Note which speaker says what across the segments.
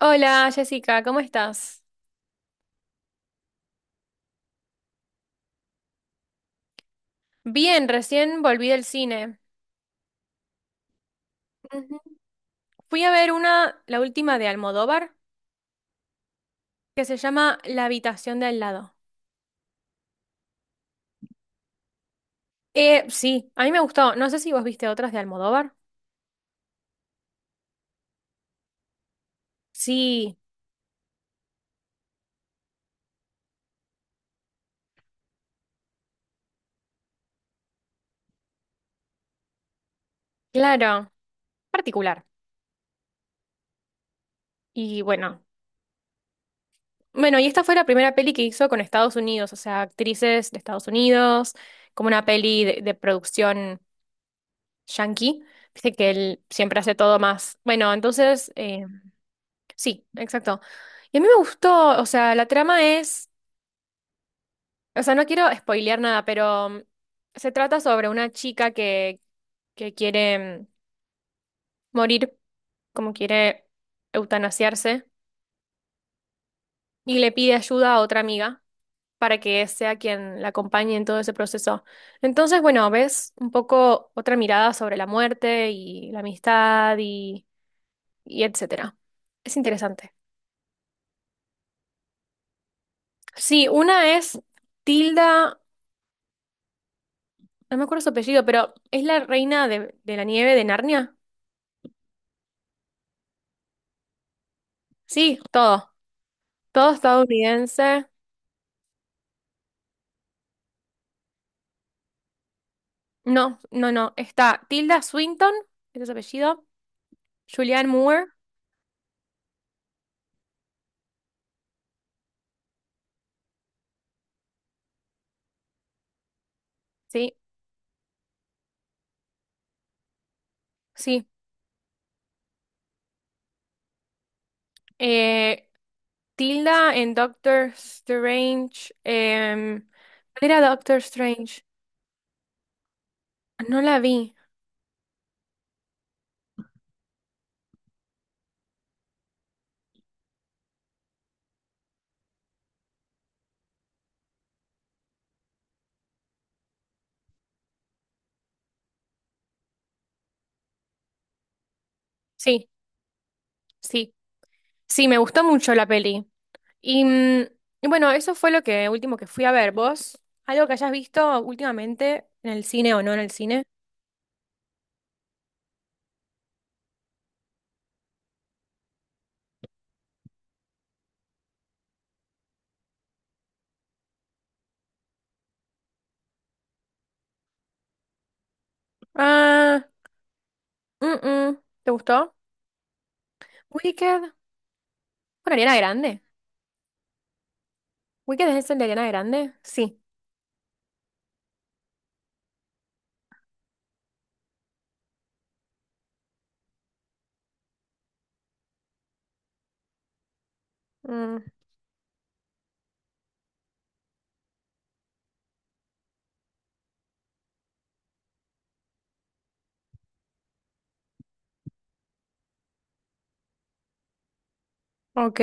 Speaker 1: Hola Jessica, ¿cómo estás? Bien, recién volví del cine. Ujú. Fui a ver una, la última de Almodóvar, que se llama La habitación de al lado. Sí, a mí me gustó. No sé si vos viste otras de Almodóvar. Sí, claro, particular. Y bueno, y esta fue la primera peli que hizo con Estados Unidos, o sea, actrices de Estados Unidos, como una peli de producción yankee. Viste que él siempre hace todo más. Bueno, entonces, sí, exacto. Y a mí me gustó, o sea, la trama es, o sea, no quiero spoilear nada, pero se trata sobre una chica que quiere morir, como quiere eutanasiarse, y le pide ayuda a otra amiga para que sea quien la acompañe en todo ese proceso. Entonces, bueno, ves un poco otra mirada sobre la muerte y la amistad y etcétera. Es interesante. Sí, una es Tilda. No me acuerdo su apellido, pero es la reina de la nieve de Narnia. Sí, todo. Todo estadounidense. No, no, no. Está Tilda Swinton, ese es su apellido. Julianne Moore. Sí, sí. Eh, Tilda en Doctor Strange. ¿Cuál era Doctor Strange? No la vi. Sí, sí. Sí, me gustó mucho la peli. Y y bueno, eso fue lo que último que fui a ver. ¿Vos? ¿Algo que hayas visto últimamente en el cine o no en el cine? Ah, mm, mm. ¿Te gustó? Wicked. Con Ariana Grande. ¿Wicked es el de Ariana Grande? Sí. Mm, ok.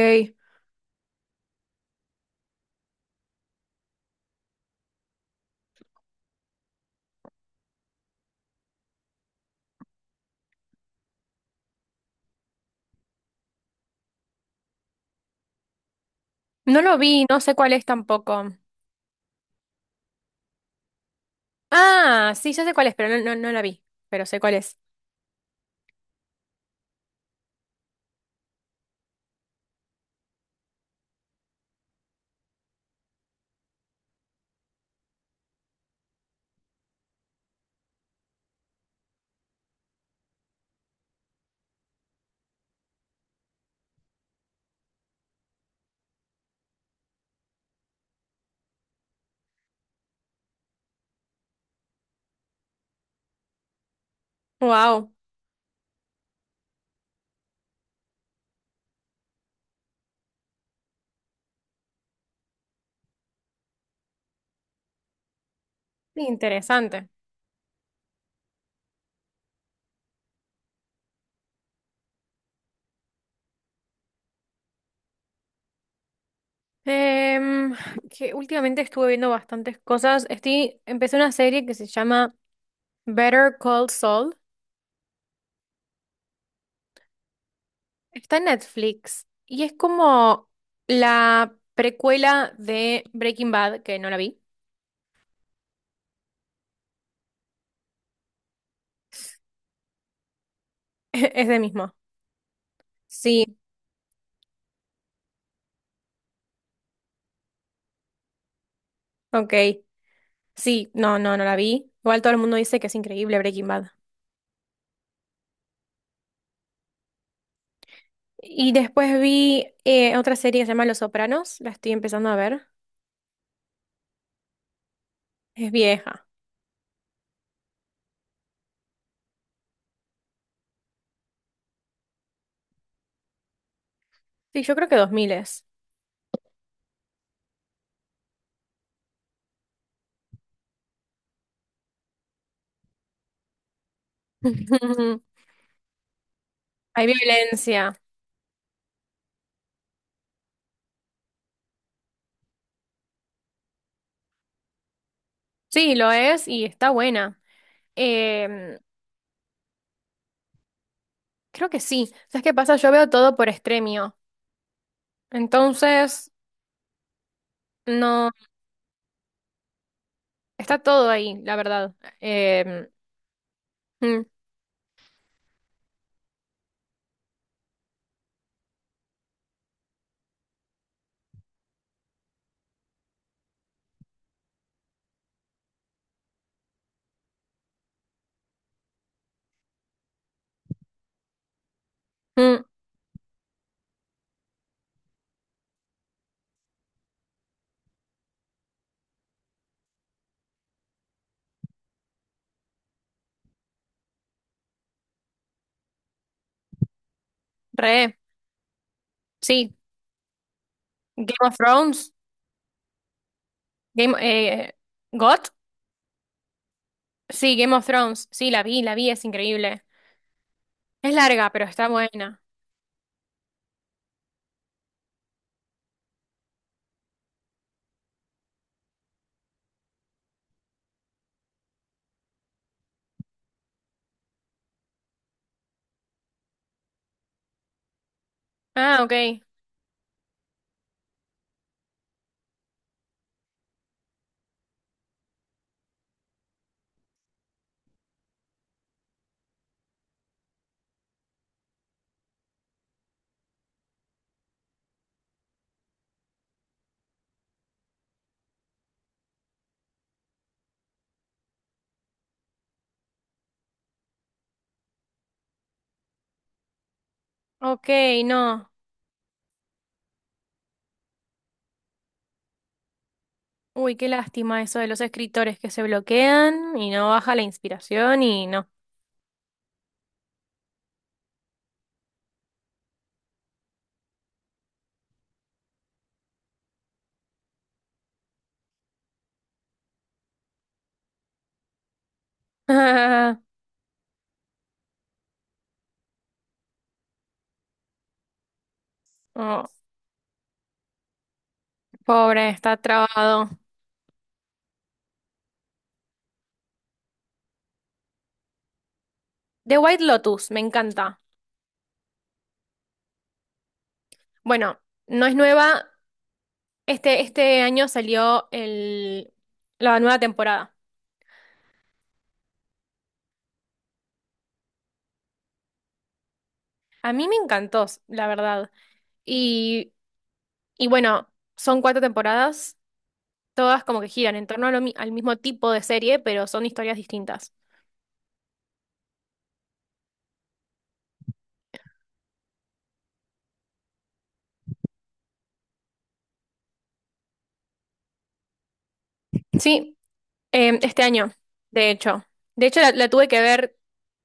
Speaker 1: No lo vi, no sé cuál es tampoco. Ah, sí, ya sé cuál es, pero no, no, no la vi. Pero sé cuál es. Wow. Interesante. Em, que últimamente estuve viendo bastantes cosas. Estoy, empecé una serie que se llama Better Call Saul. Está en Netflix y es como la precuela de Breaking Bad, que no la vi. Es de mismo. Sí, ok. Sí, no, no, no la vi. Igual todo el mundo dice que es increíble Breaking Bad. Y después vi otra serie que se llama Los Sopranos. La estoy empezando a ver. Es vieja. Sí, yo creo que 2000 es. Hay violencia. Sí, lo es y está buena. Em, Creo que sí. ¿Sabes qué pasa? Yo veo todo por Extremio. Entonces, no. Está todo ahí, la verdad. Mm, mm, re. Sí. Game of Thrones. Game, eh, God, sí, Game of Thrones. Sí, la vi, es increíble. Es larga, pero está buena. Ah, ok. Ok, no. Uy, qué lástima eso de los escritores que se bloquean y no baja la inspiración y no. Oh, pobre, está trabado. The White Lotus, me encanta. Bueno, no es nueva. Este año salió la nueva temporada. A mí me encantó, la verdad. Y, y bueno, son 4 temporadas. Todas como que giran en torno a lo mi- al mismo tipo de serie, pero son historias distintas. Sí, este año, de hecho. De hecho, la tuve que ver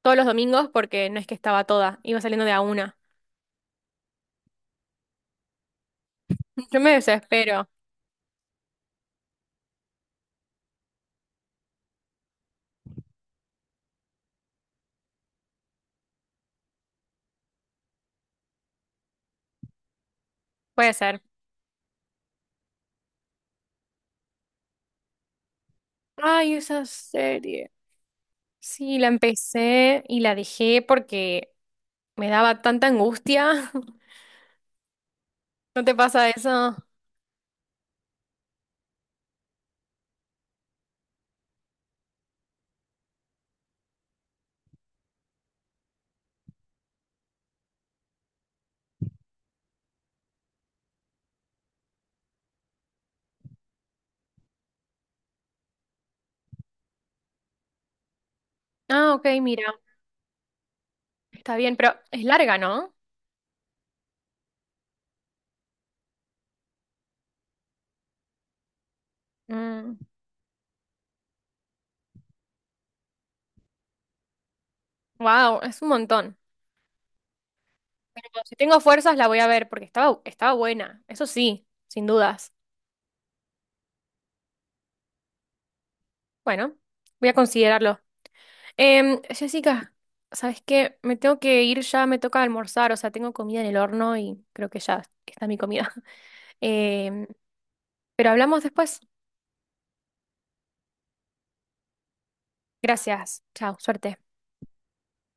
Speaker 1: todos los domingos porque no es que estaba toda, iba saliendo de a una. Yo me desespero, puede ser. Ay, esa serie. Sí, la empecé y la dejé porque me daba tanta angustia. ¿No te pasa eso? Ah, ok, mira, está bien, pero es larga, ¿no? Mm, wow, es un montón. Si tengo fuerzas, la voy a ver porque estaba, estaba buena. Eso sí, sin dudas. Bueno, voy a considerarlo. Em, Jessica, ¿sabes qué? Me tengo que ir ya, me toca almorzar. O sea, tengo comida en el horno y creo que ya está mi comida. Em, pero hablamos después. Gracias. Chao, suerte.